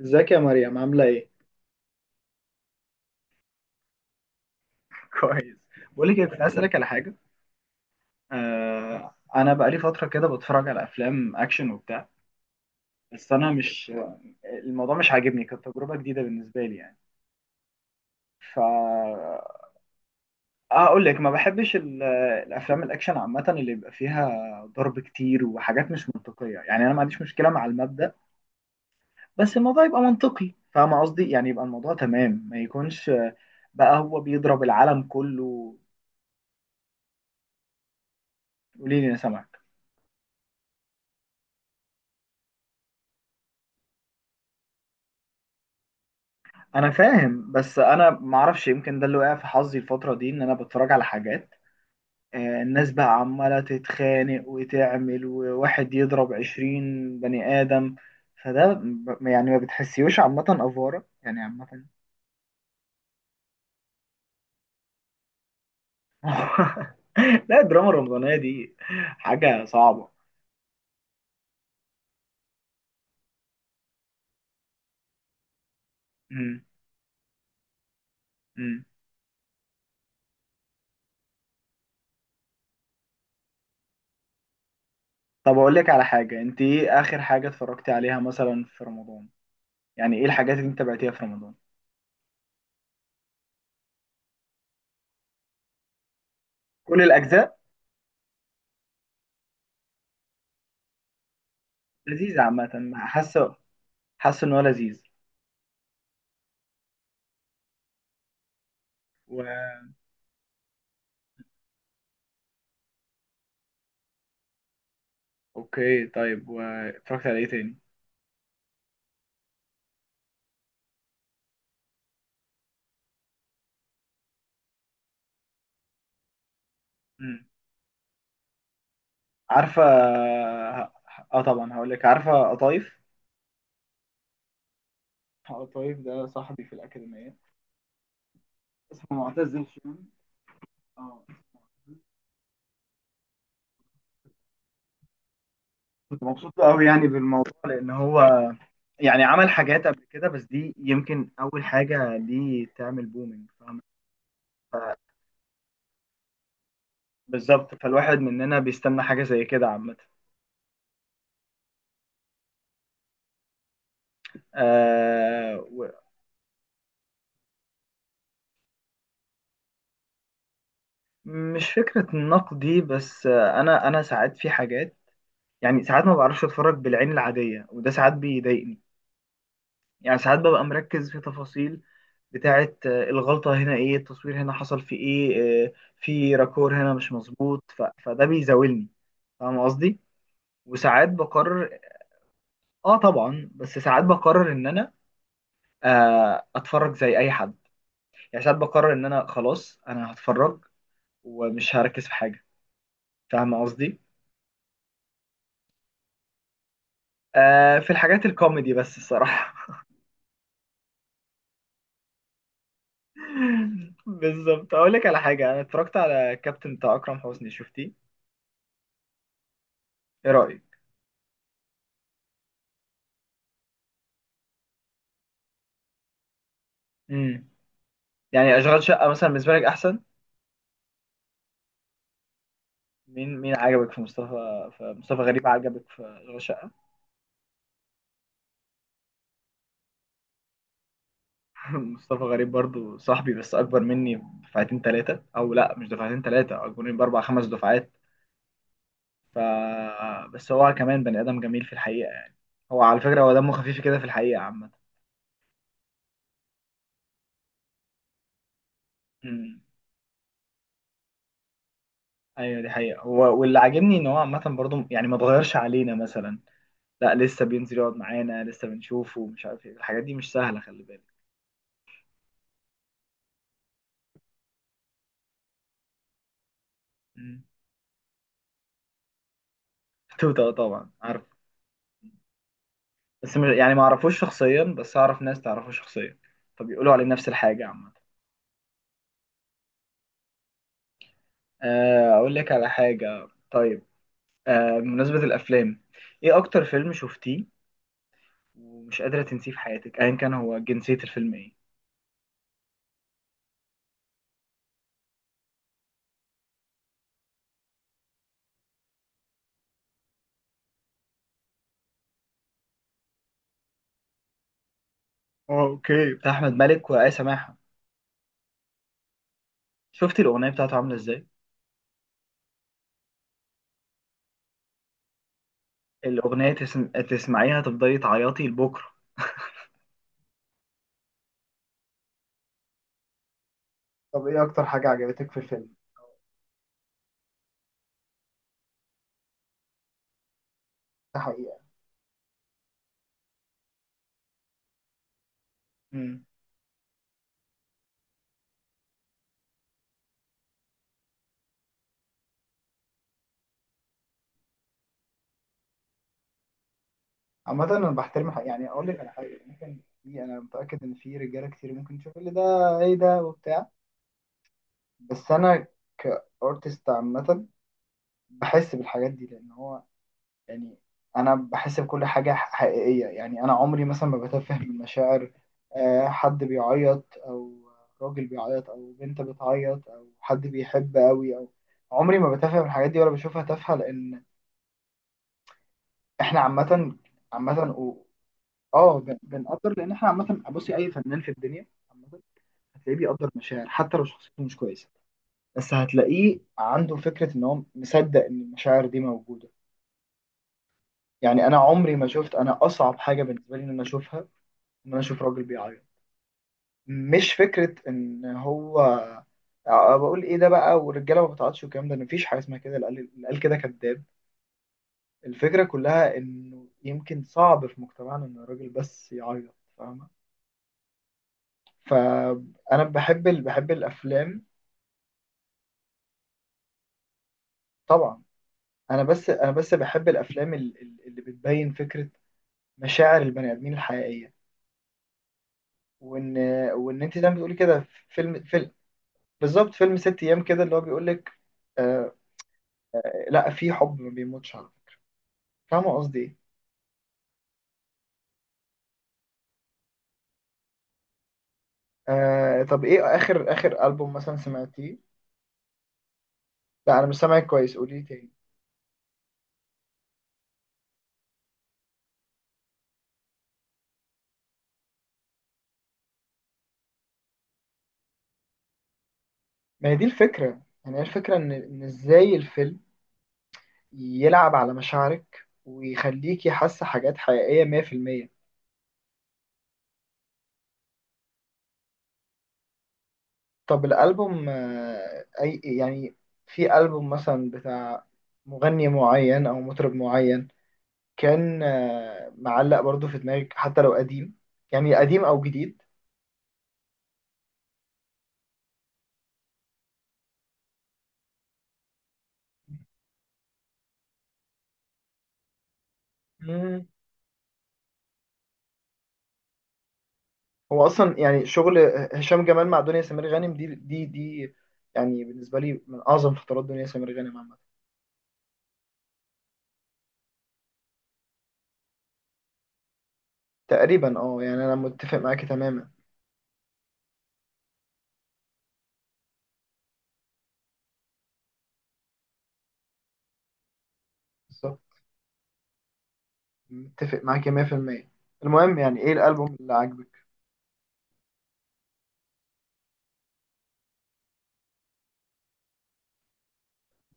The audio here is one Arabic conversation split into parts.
ازيك يا مريم عاملة ايه؟ كويس. بقول لك إيه، كنت عايز اسالك على حاجه. انا بقالي فتره كده بتفرج على افلام اكشن وبتاع. بس انا مش الموضوع مش عاجبني، كانت تجربه جديده بالنسبه لي يعني. ف اقول لك ما بحبش الافلام الاكشن عامه، اللي بيبقى فيها ضرب كتير وحاجات مش منطقيه، يعني انا ما عنديش مشكله مع المبدأ، بس الموضوع يبقى منطقي، فاهمه قصدي، يعني يبقى الموضوع تمام ما يكونش بقى هو بيضرب العالم كله. قولي لي انا سامعك. انا فاهم، بس انا معرفش، يمكن ده اللي وقع في حظي الفتره دي، ان انا بتفرج على حاجات الناس بقى عماله تتخانق وتعمل، وواحد يضرب 20 بني ادم. فده يعني ما بتحسيوش عامه، افوره يعني عامه. لا، الدراما الرمضانيه دي حاجه صعبه. مم. مم. طب اقول لك على حاجه، انت ايه اخر حاجه اتفرجتي عليها مثلا في رمضان؟ يعني ايه الحاجات اللي انت تابعتيها في رمضان؟ كل الاجزاء؟ لذيذه عامه، حاسه ان هو لذيذ. و... اوكي طيب، واتفرجت على ايه تاني؟ امم عارفه، ه- اه طبعا هقول لك، عارفه قطايف؟ قطايف ده صاحبي في الاكاديميه، اسمه معتز هشام. اه. كنت مبسوط قوي يعني بالموضوع، لان هو يعني عمل حاجات قبل كده، بس دي يمكن اول حاجه دي تعمل بومينج، فاهم. بالظبط، فالواحد مننا بيستنى حاجه زي كده عامه. آه و- مش فكره نقدي، بس انا ساعات في حاجات، يعني ساعات ما بعرفش اتفرج بالعين العادية، وده ساعات بيضايقني. يعني ساعات ببقى مركز في تفاصيل بتاعة الغلطة هنا ايه، التصوير هنا حصل في ايه، في راكور هنا مش مظبوط، فده بيزاولني، فاهم قصدي. وساعات بقرر، اه طبعا، بس ساعات بقرر ان انا اتفرج زي اي حد. يعني ساعات بقرر ان انا خلاص، انا هتفرج، ومش هركز في حاجة، فاهم قصدي. في الحاجات الكوميدي بس الصراحة. بالظبط، اقول لك على حاجه، انا اتفرجت على الكابتن بتاع اكرم حسني، شفتيه؟ ايه رايك؟ امم يعني اشغال شقه مثلا بالنسبه لك احسن؟ مين عجبك في مصطفى غريب، عجبك في اشغال شقه؟ مصطفى غريب برضو صاحبي، بس اكبر مني بدفعتين ثلاثه، او لا مش دفعتين ثلاثه، اكبر مني باربع خمس دفعات. ف بس هو كمان بني ادم جميل في الحقيقه يعني. هو على فكره هو دمه خفيف كده في الحقيقه عامه. امم ايوه دي حقيقه، هو واللي عاجبني ان هو عامه برضو يعني ما اتغيرش علينا مثلا، لا لسه بينزل يقعد معانا، لسه بنشوفه، ومش عارف ايه، الحاجات دي مش سهله، خلي بالك. مم. توتا طبعا عارف، بس مش يعني، ما اعرفوش شخصيا، بس اعرف ناس تعرفه شخصيا، فبيقولوا عليه نفس الحاجه عامه. اقول لك على حاجه طيب، بمناسبه الافلام، ايه اكتر فيلم شفتيه ومش قادره تنسيه في حياتك، ايا كان هو جنسيه الفيلم ايه؟ اه اوكي، بتاع احمد مالك وآية سماحه. شفتي الاغنيه بتاعته عامله ازاي؟ الاغنيه تسمعيها تفضلي تعيطي لبكره. طب ايه اكتر حاجه عجبتك في الفيلم؟ ده حقيقة. مم. عامة أنا بحترم حق، يعني أقول لك على حاجة، ممكن في، أنا متأكد إن في رجالة كتير ممكن تشوف اللي ده إيه ده وبتاع، بس أنا كأرتست عامة بحس بالحاجات دي، لأن هو يعني أنا بحس بكل حاجة حقيقية، يعني أنا عمري مثلا ما بتفه من مشاعر حد بيعيط، أو راجل بيعيط، أو بنت بتعيط، أو حد بيحب أوي، أو عمري ما بتفه من الحاجات دي ولا بشوفها تافهة، لأن إحنا عامة اه بنقدر، لان احنا عامه بصي، اي فنان في الدنيا عامه هتلاقيه بيقدر مشاعر حتى لو شخصيته مش كويسه، بس هتلاقيه عنده فكره ان هو مصدق ان المشاعر دي موجوده. يعني انا عمري ما شفت، انا اصعب حاجه بالنسبه لي ان انا اشوفها، ان انا اشوف راجل بيعيط، مش فكره ان هو أه بقول ايه ده بقى والرجاله ما بتعيطش والكلام ده، مفيش حاجه اسمها كده، اللي قال اللي قال كده كذاب. الفكره كلها انه يمكن صعب في مجتمعنا ان الراجل بس يعيط، فاهمه. فانا بحب بحب الافلام طبعا. انا بس بحب الافلام اللي بتبين فكره مشاعر البني ادمين الحقيقيه، وان وان انت زي ما بتقولي كده، فيلم بالظبط، فيلم ست ايام كده اللي هو بيقول لك آه لا، في حب ما بيموتش على فكرة. فاهمه قصدي ايه؟ طب ايه اخر البوم مثلا سمعتيه؟ لا انا مش سامعك كويس، قولي لي تاني. ما هي دي الفكره يعني، هي الفكره ان ازاي الفيلم يلعب على مشاعرك ويخليكي حاسه حاجات حقيقيه 100%. طب الألبوم أي يعني، في ألبوم مثلا بتاع مغني معين أو مطرب معين، كان معلق برضو في دماغك حتى لو قديم، يعني قديم أو جديد. مم. هو أصلا يعني شغل هشام جمال مع دنيا سمير غانم دي يعني بالنسبة لي من أعظم فترات دنيا سمير غانم عامة. تقريبا يعني أنا متفق معاكي تماما. بالظبط، متفق معاكي 100%. المهم يعني إيه الألبوم اللي عاجبك؟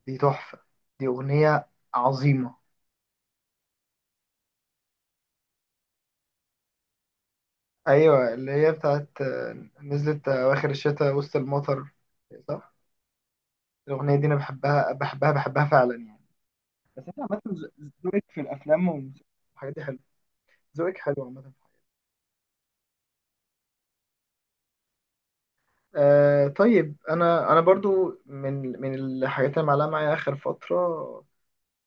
دي تحفة، دي أغنية عظيمة. ايوه اللي هي بتاعت نزلت اواخر الشتاء وسط المطر، صح. الاغنيه دي انا بحبها بحبها بحبها فعلا يعني. بس انت عامه، ذوقك في الافلام والحاجات دي حلو، ذوقك حلو عامه. طيب، انا برضو من الحاجات اللي معلقه معايا اخر فتره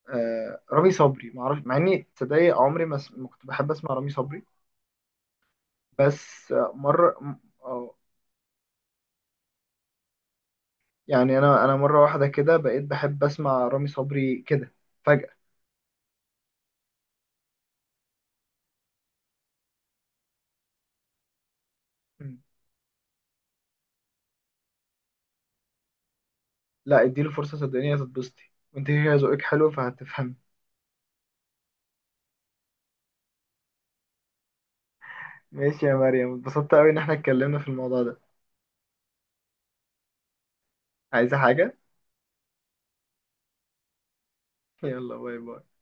رامي صبري. ما اعرفش مع اني تصدقي، عمري ما ما كنت بحب اسمع رامي صبري، بس مره يعني انا مره واحده كده بقيت بحب اسمع رامي صبري كده فجاه. لا اديله فرصة صدقني، هتتبسطي، وانت كده ذوقك حلو فهتفهمي. ماشي يا مريم، اتبسطت قوي ان احنا اتكلمنا في الموضوع ده. عايزة حاجة؟ يلا باي باي.